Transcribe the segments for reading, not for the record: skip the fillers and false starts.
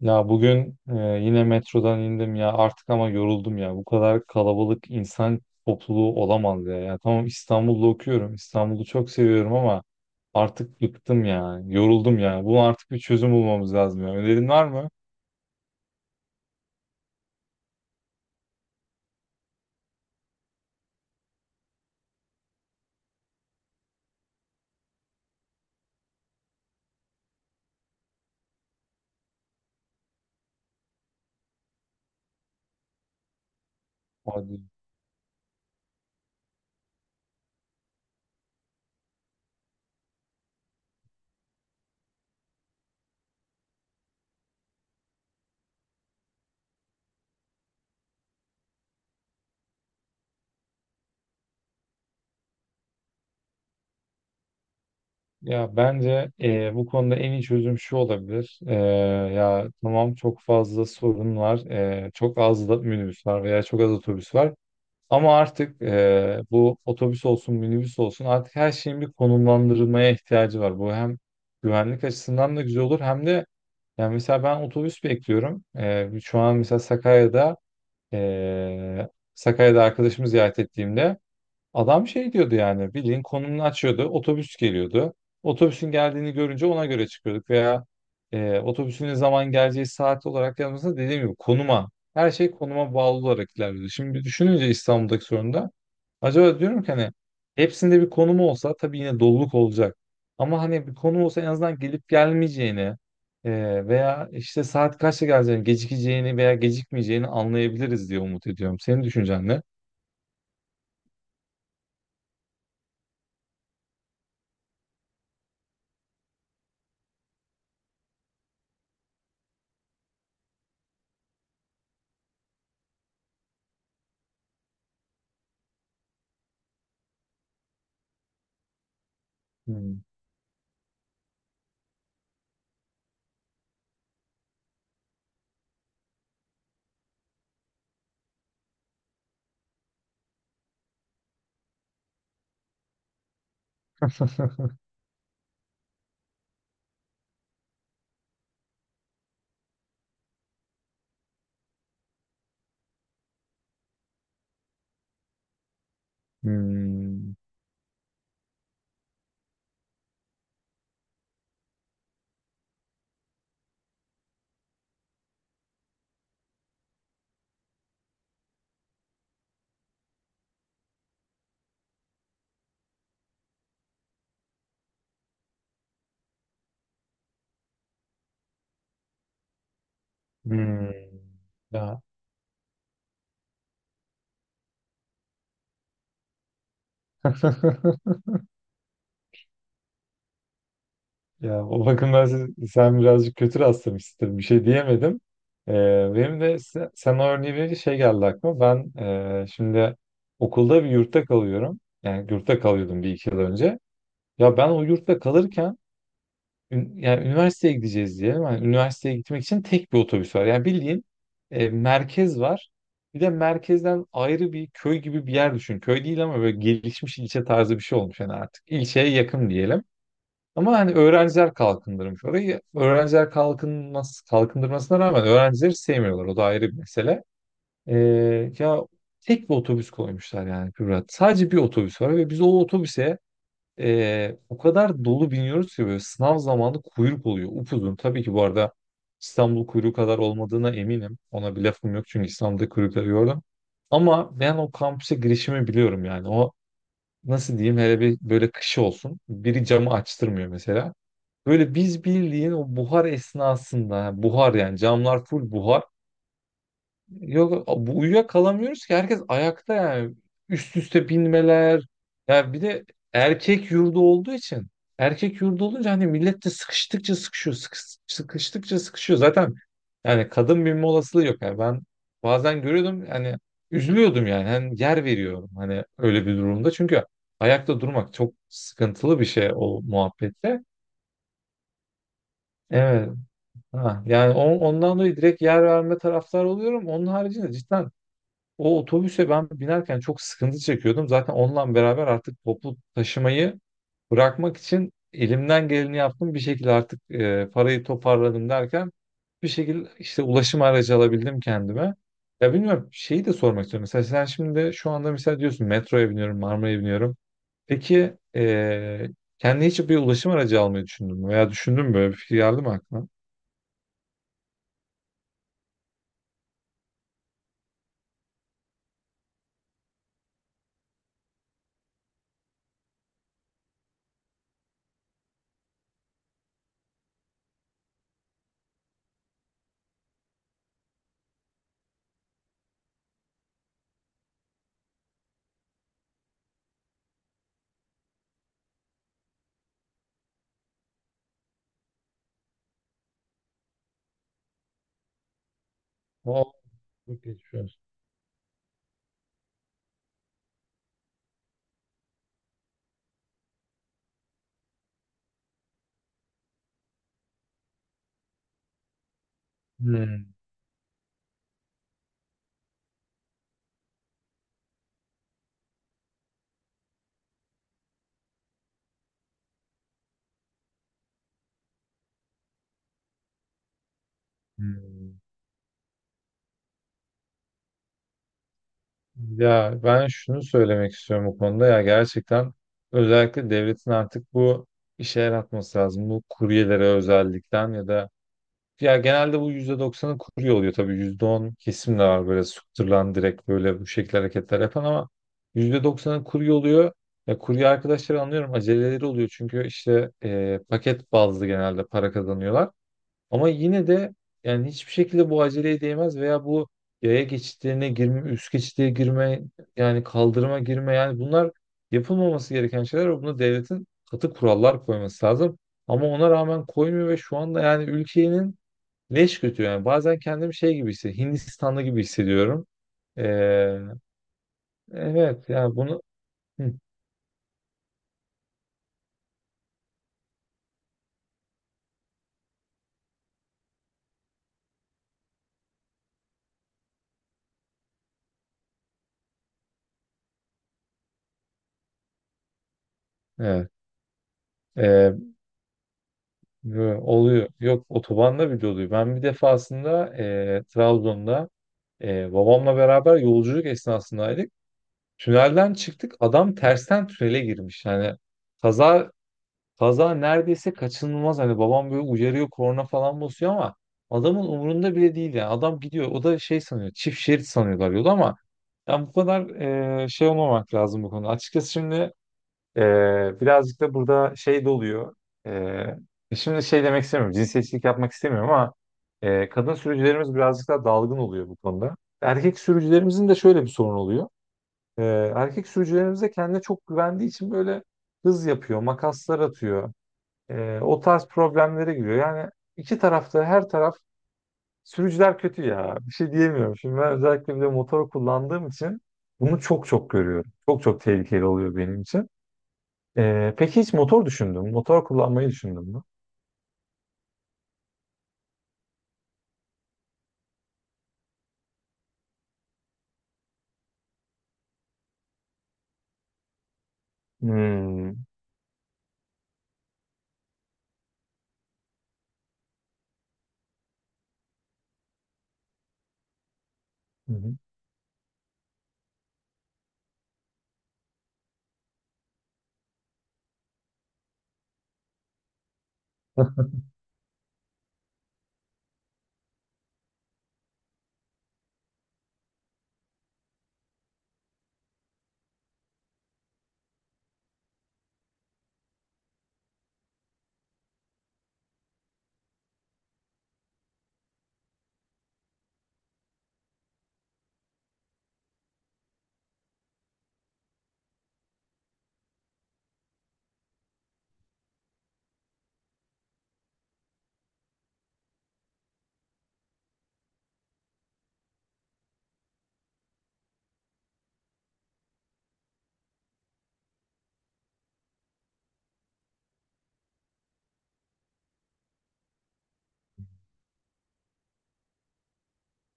Ya bugün yine metrodan indim ya artık ama yoruldum ya. Bu kadar kalabalık insan topluluğu olamaz ya. Ya tamam İstanbul'da okuyorum. İstanbul'u çok seviyorum ama artık bıktım ya. Yoruldum ya. Bunun artık bir çözüm bulmamız lazım ya. Önerin var mı? Hadi. Ya bence bu konuda en iyi çözüm şu olabilir. Ya tamam çok fazla sorun var. Çok az da minibüs var veya çok az otobüs var. Ama artık bu otobüs olsun, minibüs olsun artık her şeyin bir konumlandırılmaya ihtiyacı var. Bu hem güvenlik açısından da güzel olur hem de yani mesela ben otobüs bekliyorum. Şu an mesela eee, Sakarya'da arkadaşımı ziyaret ettiğimde adam şey diyordu yani bildiğin konumunu açıyordu. Otobüs geliyordu. Otobüsün geldiğini görünce ona göre çıkıyorduk veya otobüsün ne zaman geleceği saat olarak yanımızda dediğim gibi konuma her şey konuma bağlı olarak ilerliyordu. Şimdi düşününce İstanbul'daki sorun da acaba diyorum ki hani hepsinde bir konum olsa tabii yine doluluk olacak. Ama hani bir konum olsa en azından gelip gelmeyeceğini veya işte saat kaçta geleceğini, gecikeceğini veya gecikmeyeceğini anlayabiliriz diye umut ediyorum. Senin düşüncen ne? Hmm. Hmm. Hmm. Ya. Ya o bakımdan sen birazcık kötü rastlamışsın. Bir şey diyemedim. Ee, Benim de sen o örneği verince şey geldi aklıma. Ben şimdi okulda bir yurtta kalıyorum. Yani yurtta kalıyordum bir iki yıl önce. Ya ben o yurtta kalırken yani üniversiteye gideceğiz diye. Yani üniversiteye gitmek için tek bir otobüs var. Yani bildiğin merkez var. Bir de merkezden ayrı bir köy gibi bir yer düşün. Köy değil ama böyle gelişmiş ilçe tarzı bir şey olmuş yani artık. İlçeye yakın diyelim. Ama hani öğrenciler kalkındırmış orayı. Öğrenciler kalkınmaz, kalkındırmasına rağmen öğrencileri sevmiyorlar. O da ayrı bir mesele. Ya tek bir otobüs koymuşlar yani Kübra. Sadece bir otobüs var ve biz o otobüse o kadar dolu biniyoruz ki böyle sınav zamanı kuyruk oluyor. Upuzun. Tabii ki bu arada İstanbul kuyruğu kadar olmadığına eminim. Ona bir lafım yok çünkü İstanbul'da kuyrukları gördüm. Ama ben o kampüse girişimi biliyorum yani. O nasıl diyeyim hele bir böyle kışı olsun. Biri camı açtırmıyor mesela. Böyle biz bildiğin o buhar esnasında ha, buhar yani camlar full buhar. Yok bu uyuyakalamıyoruz ki herkes ayakta yani üst üste binmeler. Ya bir de erkek yurdu olduğu için erkek yurdu olunca hani millet de sıkıştıkça sıkışıyor sıkıştıkça sıkışıyor zaten yani kadın binme olasılığı yok yani ben bazen görüyordum yani üzülüyordum yani hani yer veriyorum hani öyle bir durumda çünkü ayakta durmak çok sıkıntılı bir şey o muhabbette. Evet. Ha, yani ondan dolayı direkt yer verme taraftar oluyorum. Onun haricinde cidden o otobüse ben binerken çok sıkıntı çekiyordum. Zaten onunla beraber artık toplu taşımayı bırakmak için elimden geleni yaptım. Bir şekilde artık parayı toparladım derken bir şekilde işte ulaşım aracı alabildim kendime. Ya bilmiyorum şeyi de sormak istiyorum. Mesela sen şimdi şu anda mesela diyorsun metroya biniyorum, Marmara'ya biniyorum. Peki kendine hiç bir ulaşım aracı almayı düşündün mü? Veya düşündün mü böyle bir fikir geldi mi aklına? O çok geçiyor. Hmm, hmm. Ya ben şunu söylemek istiyorum bu konuda ya gerçekten özellikle devletin artık bu işe el atması lazım. Bu kuryelere özellikten ya da ya genelde bu %90'ı kurye oluyor tabii %10 kesim de var böyle sıktırılan direkt böyle bu şekilde hareketler yapan ama %90'ı kurye oluyor. Ya kurye arkadaşları anlıyorum aceleleri oluyor çünkü işte paket bazlı genelde para kazanıyorlar. Ama yine de yani hiçbir şekilde bu aceleye değmez veya bu yaya geçitlerine girme, üst geçitliğe girme, yani kaldırıma girme yani bunlar yapılmaması gereken şeyler ve buna devletin katı kurallar koyması lazım. Ama ona rağmen koymuyor ve şu anda yani ülkenin leş götü yani bazen kendimi şey gibi hissediyorum, Hindistan'da gibi hissediyorum. Ee, evet yani bunu. Hı, evet. Ee, Böyle oluyor. Yok otobanda bile oluyor. Ben bir defasında Trabzon'da babamla beraber yolculuk esnasındaydık. Tünelden çıktık. Adam tersten tünele girmiş. Yani kaza kaza neredeyse kaçınılmaz. Hani babam böyle uyarıyor, korna falan basıyor ama adamın umurunda bile değil yani. Adam gidiyor. O da şey sanıyor. Çift şerit sanıyorlar yolu ama yani bu kadar şey olmamak lazım bu konuda. Açıkçası şimdi birazcık da burada şey de oluyor. Şimdi şey demek istemiyorum. Cinsiyetçilik yapmak istemiyorum ama kadın sürücülerimiz birazcık daha dalgın oluyor bu konuda. Erkek sürücülerimizin de şöyle bir sorun oluyor. Erkek sürücülerimiz de kendine çok güvendiği için böyle hız yapıyor, makaslar atıyor. O tarz problemlere giriyor. Yani iki tarafta her taraf sürücüler kötü ya. Bir şey diyemiyorum. Şimdi ben özellikle bir de motor kullandığım için bunu çok çok görüyorum. Çok çok tehlikeli oluyor benim için. Peki hiç motor düşündün mü? Motor kullanmayı düşündün mü? Hmm. Hı hı.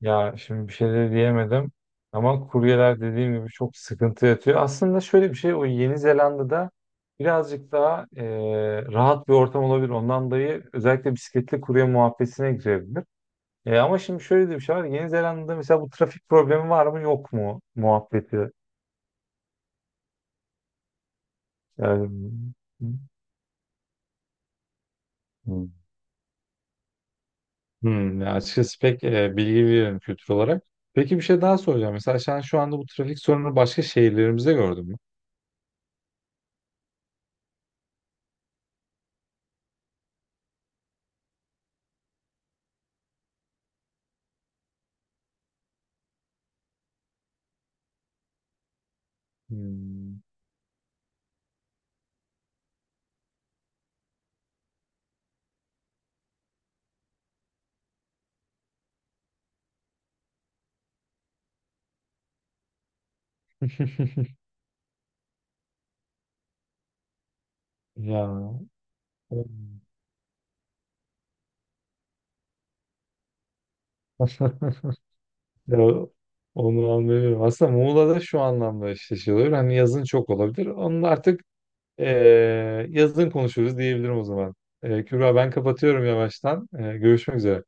Ya şimdi bir şey de diyemedim. Ama kuryeler dediğim gibi çok sıkıntı yatıyor. Aslında şöyle bir şey o Yeni Zelanda'da birazcık daha rahat bir ortam olabilir. Ondan dolayı özellikle bisikletli kurye muhabbetine girebilir. Ama şimdi şöyle de bir şey var. Yeni Zelanda'da mesela bu trafik problemi var mı yok mu muhabbeti. Yani. Hı. Ya açıkçası pek bilgi veririm kültür olarak. Peki bir şey daha soracağım. Mesela sen şu anda bu trafik sorunu başka şehirlerimizde gördün mü? Hmm. Ya. Ya onu anlıyorum. Aslında Muğla'da şu anlamda eşleşiyorlar. Hani yazın çok olabilir. Onu da artık e, yazın konuşuruz diyebilirim o zaman. Kübra ben kapatıyorum yavaştan. Görüşmek üzere.